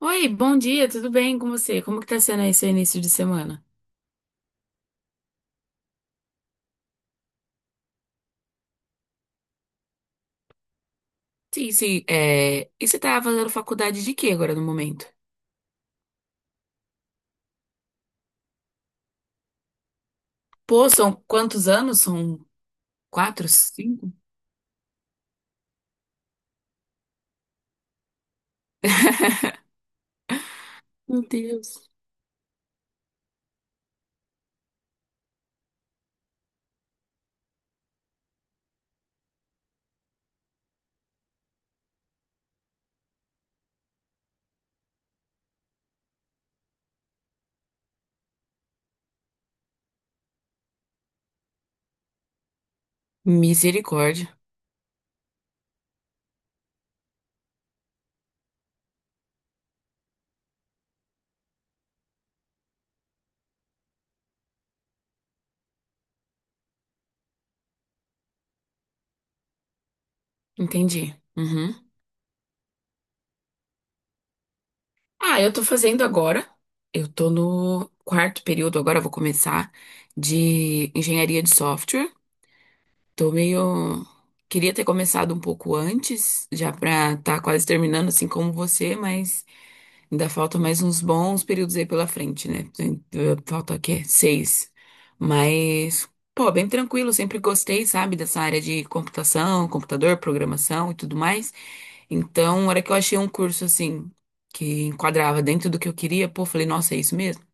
Oi, bom dia, tudo bem com você? Como que tá sendo esse início de semana? Sim, sim. E você tá fazendo faculdade de quê agora no momento? Pô, são quantos anos? São quatro, cinco? Meu Deus. Misericórdia. Entendi. Uhum. Ah, eu tô fazendo agora. Eu tô no quarto período agora, eu vou começar de engenharia de software. Tô meio. Queria ter começado um pouco antes, já pra estar quase terminando, assim como você, mas. Ainda falta mais uns bons períodos aí pela frente, né? Falta o quê? Seis. Mas, pô, bem tranquilo, sempre gostei, sabe, dessa área de computação, computador, programação e tudo mais. Então, na hora que eu achei um curso assim, que enquadrava dentro do que eu queria, pô, falei, nossa, é isso mesmo.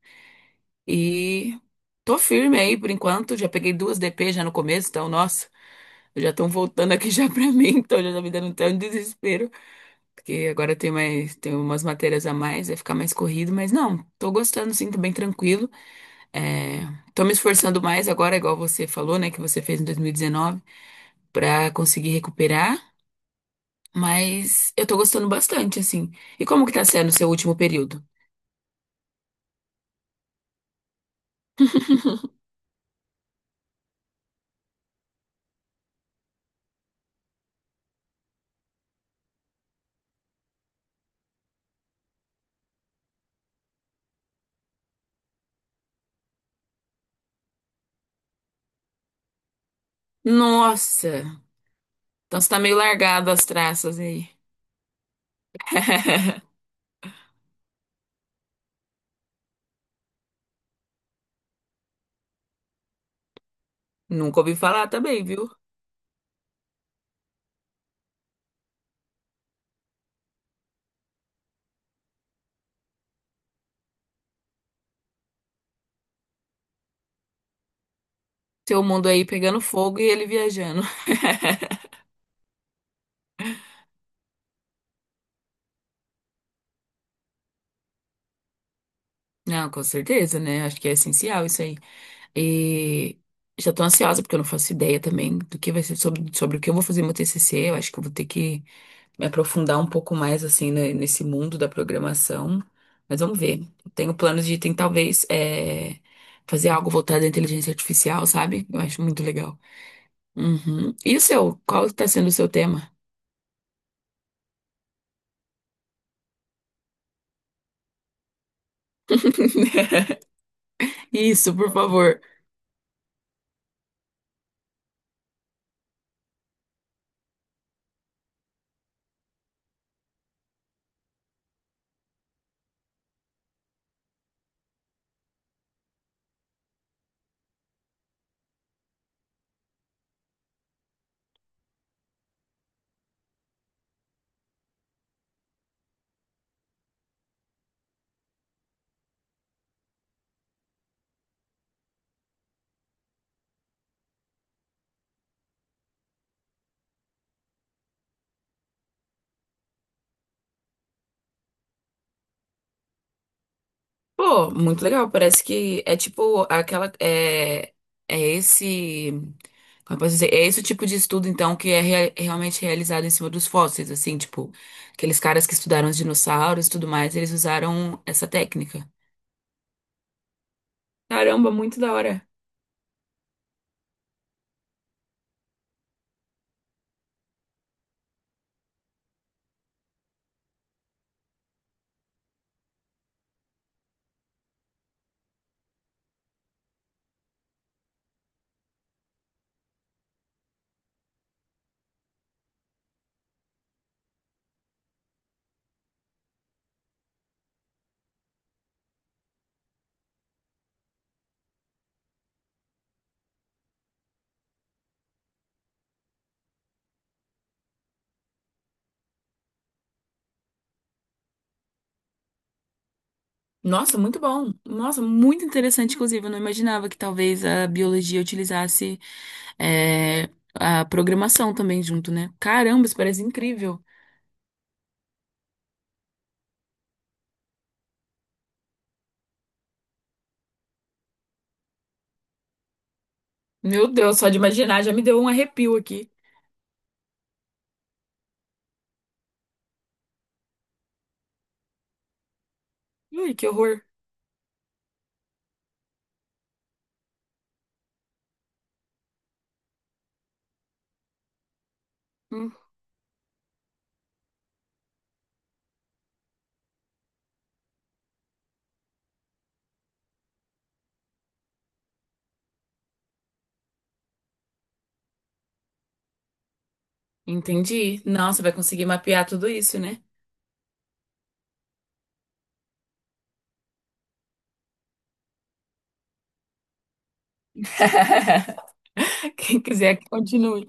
E tô firme aí por enquanto, já peguei duas DP já no começo, então, nossa, já estão voltando aqui já pra mim, então já tá me dando até um desespero. Porque agora tem mais, tem umas matérias a mais, vai ficar mais corrido, mas não, tô gostando sim, tô bem tranquilo. É, Tô me esforçando mais agora, igual você falou, né, que você fez em 2019, pra conseguir recuperar, mas eu tô gostando bastante, assim. E como que tá sendo o seu último período? Nossa, então você tá meio largado as traças aí. Nunca ouvi falar também, viu? Seu mundo aí pegando fogo e ele viajando. Não, com certeza, né? Acho que é essencial isso aí. E já tô ansiosa, porque eu não faço ideia também do que vai ser sobre, sobre o que eu vou fazer no meu TCC. Eu acho que eu vou ter que me aprofundar um pouco mais, assim, nesse mundo da programação. Mas vamos ver. Eu tenho planos de, tem, talvez, fazer algo voltado à inteligência artificial, sabe? Eu acho muito legal. Uhum. E o seu? Qual está sendo o seu tema? Isso, por favor. Pô, muito legal. Parece que é tipo aquela. É, é esse. Como eu posso dizer? É esse o tipo de estudo, então, que é realmente realizado em cima dos fósseis, assim, tipo, aqueles caras que estudaram os dinossauros e tudo mais, eles usaram essa técnica. Caramba, muito da hora. Nossa, muito bom. Nossa, muito interessante, inclusive. Eu não imaginava que talvez a biologia utilizasse é, a programação também junto, né? Caramba, isso parece incrível. Meu Deus, só de imaginar já me deu um arrepio aqui. Ai, que horror. Hum, entendi. Não, você vai conseguir mapear tudo isso, né? Quem quiser que continue.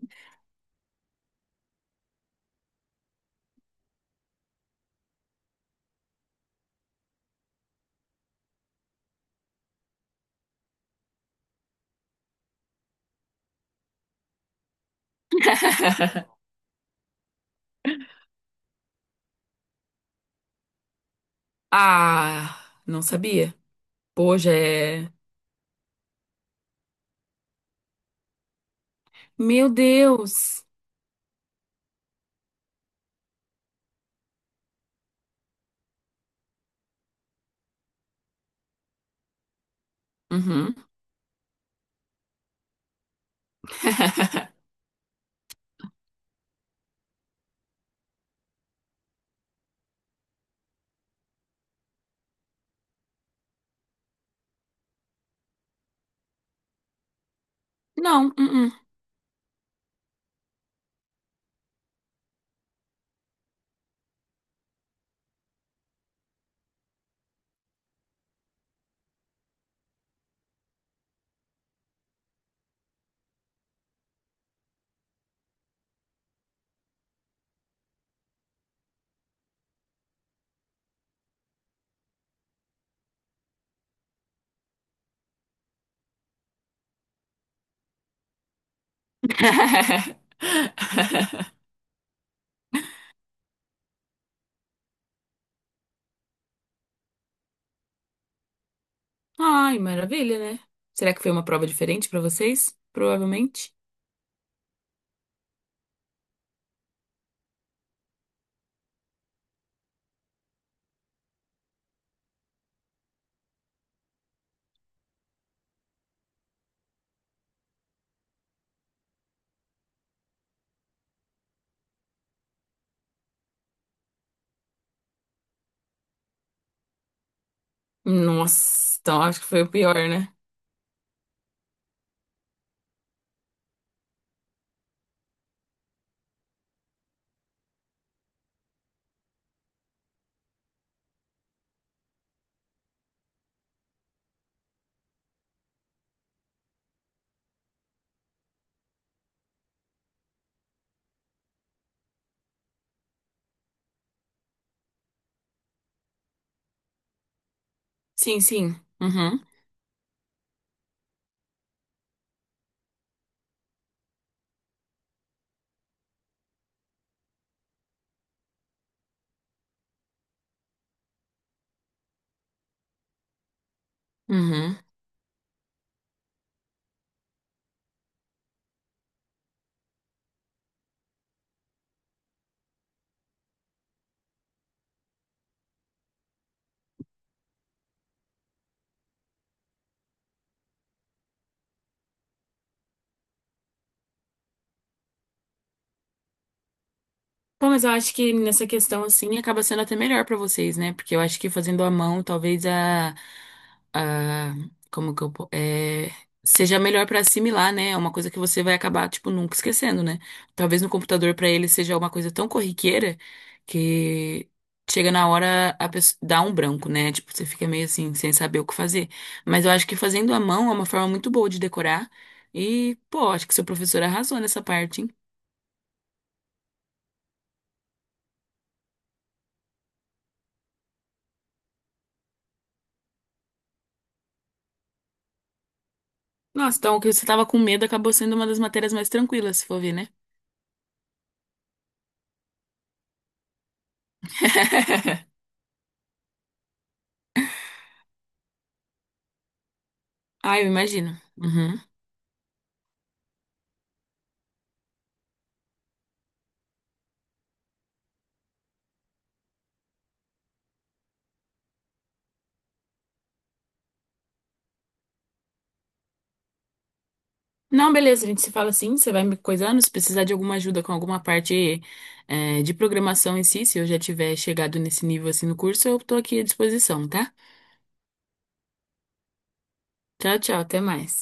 Ah, não sabia. Pô, já é. Meu Deus. Uhum. Não, uh-uh. Ai, maravilha, né? Será que foi uma prova diferente pra vocês? Provavelmente. Nossa, então acho que foi o pior, né? Sim, sim. Uhum. Uhum. Pô, mas eu acho que nessa questão, assim, acaba sendo até melhor pra vocês, né? Porque eu acho que fazendo à mão, talvez a, como que eu, seja melhor pra assimilar, né? É uma coisa que você vai acabar, tipo, nunca esquecendo, né? Talvez no computador pra ele seja uma coisa tão corriqueira que chega na hora a pessoa dá um branco, né? Tipo, você fica meio assim, sem saber o que fazer. Mas eu acho que fazendo à mão é uma forma muito boa de decorar. E, pô, acho que seu professor arrasou nessa parte, hein? Nossa, então o que você tava com medo acabou sendo uma das matérias mais tranquilas, se for ver, né? Ah, eu imagino. Uhum. Não, beleza, a gente se fala assim, você vai me coisando, se precisar de alguma ajuda com alguma parte de programação em si, se eu já tiver chegado nesse nível assim no curso, eu tô aqui à disposição, tá? Tchau, tchau, até mais.